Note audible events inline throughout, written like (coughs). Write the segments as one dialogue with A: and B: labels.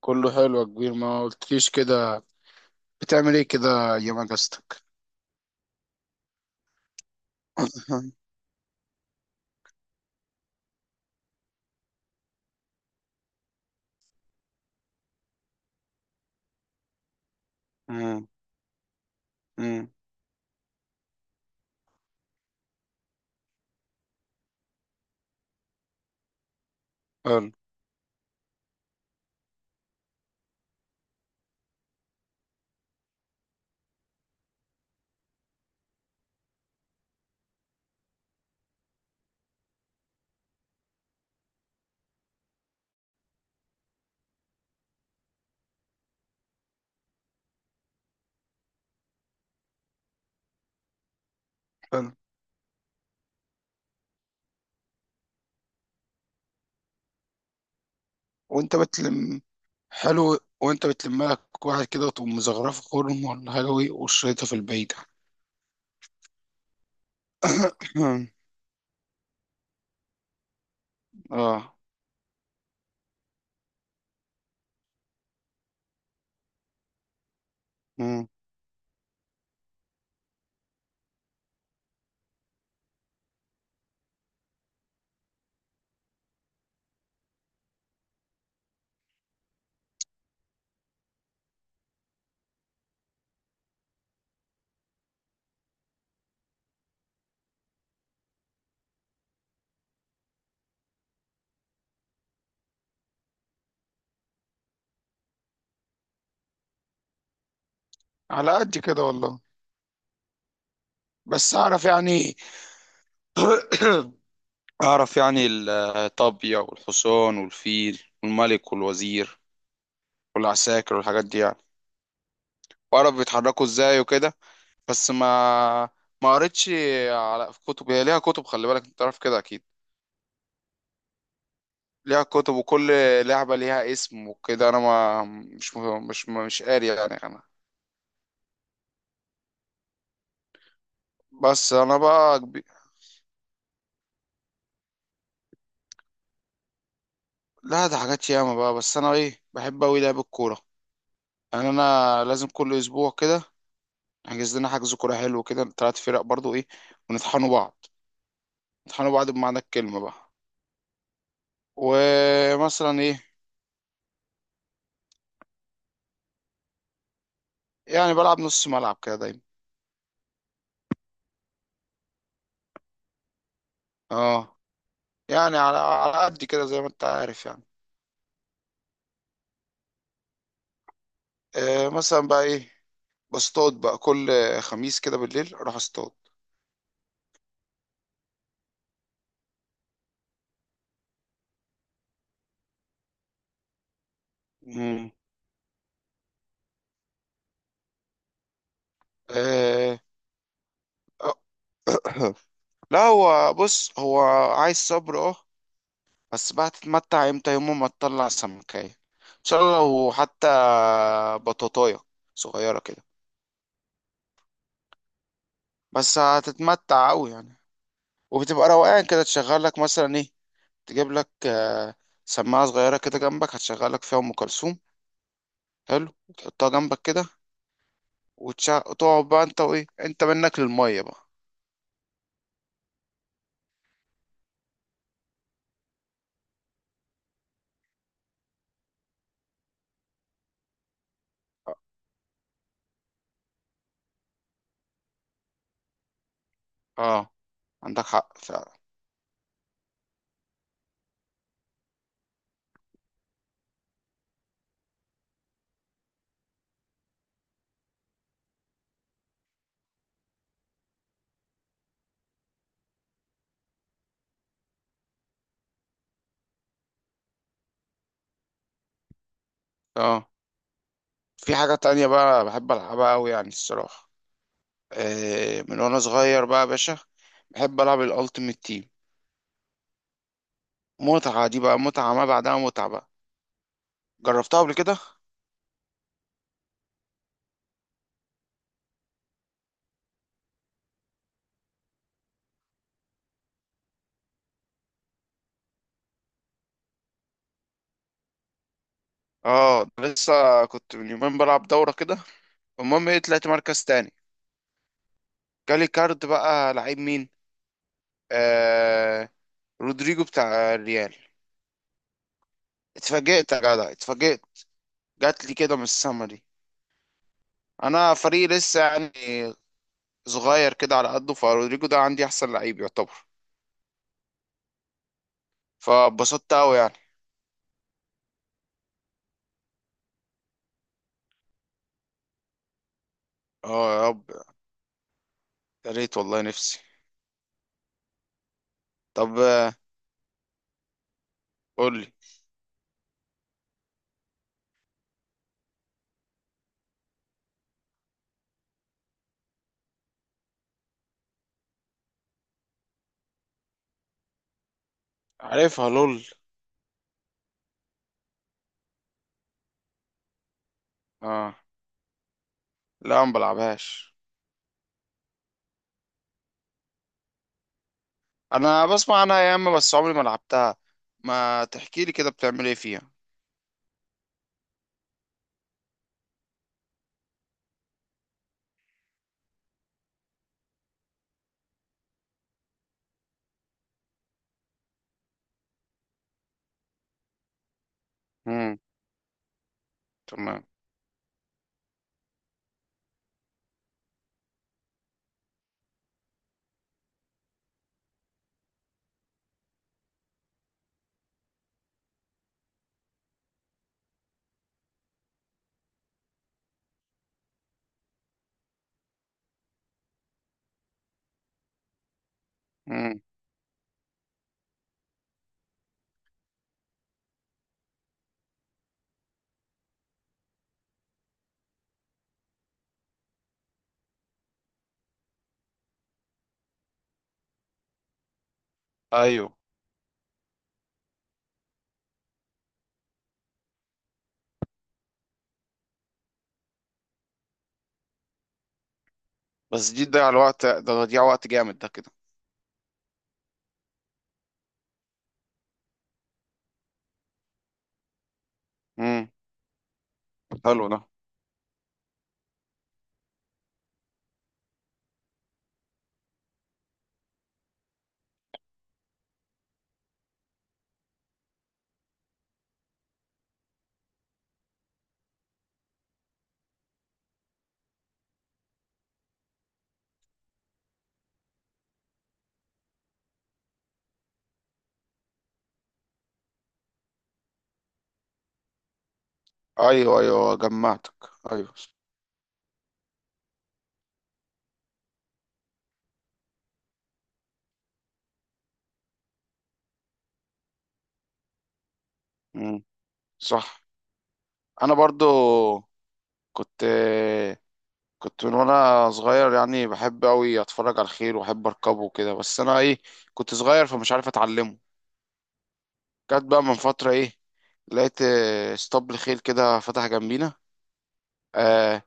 A: كله حلو يا كبير، ما قلتليش كده. بتعمل ايه كده ايام اجازتك؟ (laughs) أمم، أمم، حلو. حلو وانت بتلم حلو وانت بتلم لك واحد كده وتقوم مزغرفه خرم ولا حاجه، وشريطها في البعيده. (coughs) اه، أمم، على قد كده والله. بس اعرف يعني. (coughs) اعرف يعني الطابيه والحصان والفيل والملك والوزير والعساكر والحاجات دي يعني. واعرف بيتحركوا ازاي وكده، بس ما قريتش. على في كتب، هي ليها كتب، خلي بالك انت عارف كده اكيد. ليها كتب، وكل لعبة ليها اسم وكده. انا ما مش قاري يعني انا. بس انا بقى كبي- لا ده حاجات ياما بقى، بس انا ايه بحب اوي لعب الكورة. يعني انا لازم كل اسبوع كده احجز لنا حجز كورة حلو كده، تلات فرق برضو ايه. ونطحنوا بعض، نطحنوا بعض بمعنى الكلمة بقى. ومثلا ايه، يعني بلعب نص ملعب كده دايما. اه، يعني على قد كده زي ما انت عارف يعني. مثلا بقى ايه، بصطاد بقى كل خميس كده بالليل، اروح اصطاد. مم. آه. (coughs) (clears throat) لا هو بص، هو عايز صبر. اه، بس بقى تتمتع امتى يوم ما تطلع سمكاية ان شاء الله، وحتى بطاطاية صغيرة كده. بس هتتمتع قوي يعني. وبتبقى روقان كده، تشغل لك مثلا ايه، تجيب لك سماعة صغيرة كده جنبك، هتشغل لك فيها ام كلثوم. حلو، وتحطها جنبك كده. وتقعد بقى انت، وايه انت منك للمية بقى. اه، عندك حق فعلا. اه، في حاجة تانية بقى بحب ألعبها أوي يعني الصراحة. من وأنا صغير بقى يا باشا، بحب ألعب الألتيميت تيم. متعة دي بقى، متعة ما بعدها متعة بقى. جربتها قبل كده؟ اه ده لسه، كنت من يومين بلعب دورة كده. المهم ايه، طلعت مركز تاني. جالي كارد بقى، لعيب مين؟ آه رودريجو بتاع الريال. اتفاجئت يا جدع، اتفاجئت. جات لي كده من السما دي. انا فريق لسه يعني، صغير كده على قده، فرودريجو ده عندي احسن لعيب يعتبر. فبسطت قوي يعني. اه يا رب، يا ريت والله نفسي. طب قول لي. عارفها لول، اه. لا ما بلعبهاش. انا بسمع عنها يا اما، بس عمري ما لعبتها. ما تحكي لي كده، بتعمل ايه فيها؟ امم. تمام. امم. ايوه. بس دي تضيع الوقت، ده تضيع وقت جامد ده كده. امم. حلو ده. ايوه ايوه، جمعتك. ايوه. امم. صح. انا برضو كنت كنت من وانا صغير يعني بحب قوي اتفرج على الخيل واحب اركبه وكده، بس انا ايه، كنت صغير فمش عارف اتعلمه. جت بقى من فتره ايه، لقيت اسطبل خيل كده فتح جنبينا. آه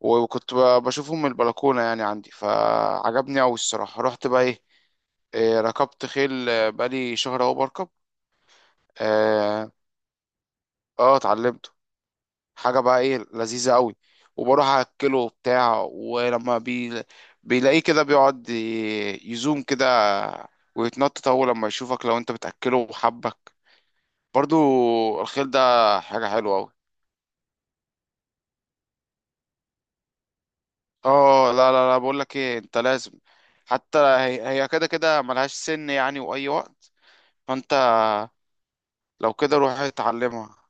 A: وكنت بشوفه من البلكونه يعني عندي، فعجبني قوي الصراحه. رحت بقى ايه، ركبت خيل. بقالي شهر اهو بركب. اه. اتعلمت. حاجة بقى ايه، لذيذة قوي. وبروح اكله بتاع، ولما بيلاقيه كده بيقعد يزوم كده ويتنطط اول لما يشوفك، لو انت بتاكله وحبك. برضو الخيل ده، حاجة حلوة قوي. اه لا لا لا، بقول لك ايه انت لازم. حتى هي كده كده ملهاش سن يعني، واي وقت فانت لو كده روح اتعلمها.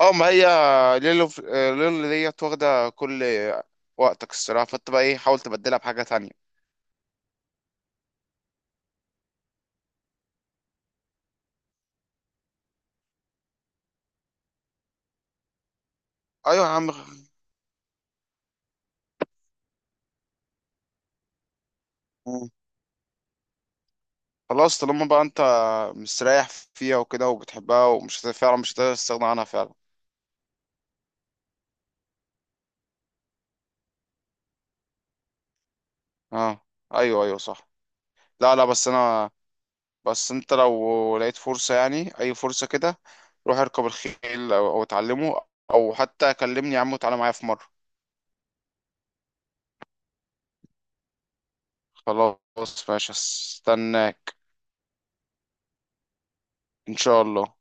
A: اه، ما هي ليلو ليلو ديت واخدة كل وقتك الصراحة، فانت بقى ايه حاول تبدلها بحاجة تانية. ايوه يا عم. مم. خلاص طالما بقى انت مستريح فيها وكده وبتحبها، ومش فعلا مش هتقدر تستغنى عنها فعلا. اه ايوه ايوه صح. لا لا، بس انت لو لقيت فرصة يعني، اي فرصة كده، روح اركب الخيل او اتعلمه، او حتى كلمني يا عم وتعالى معايا في مرة. خلاص ماشي هستناك ان شاء الله.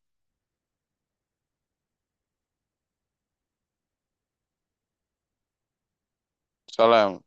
A: سلام.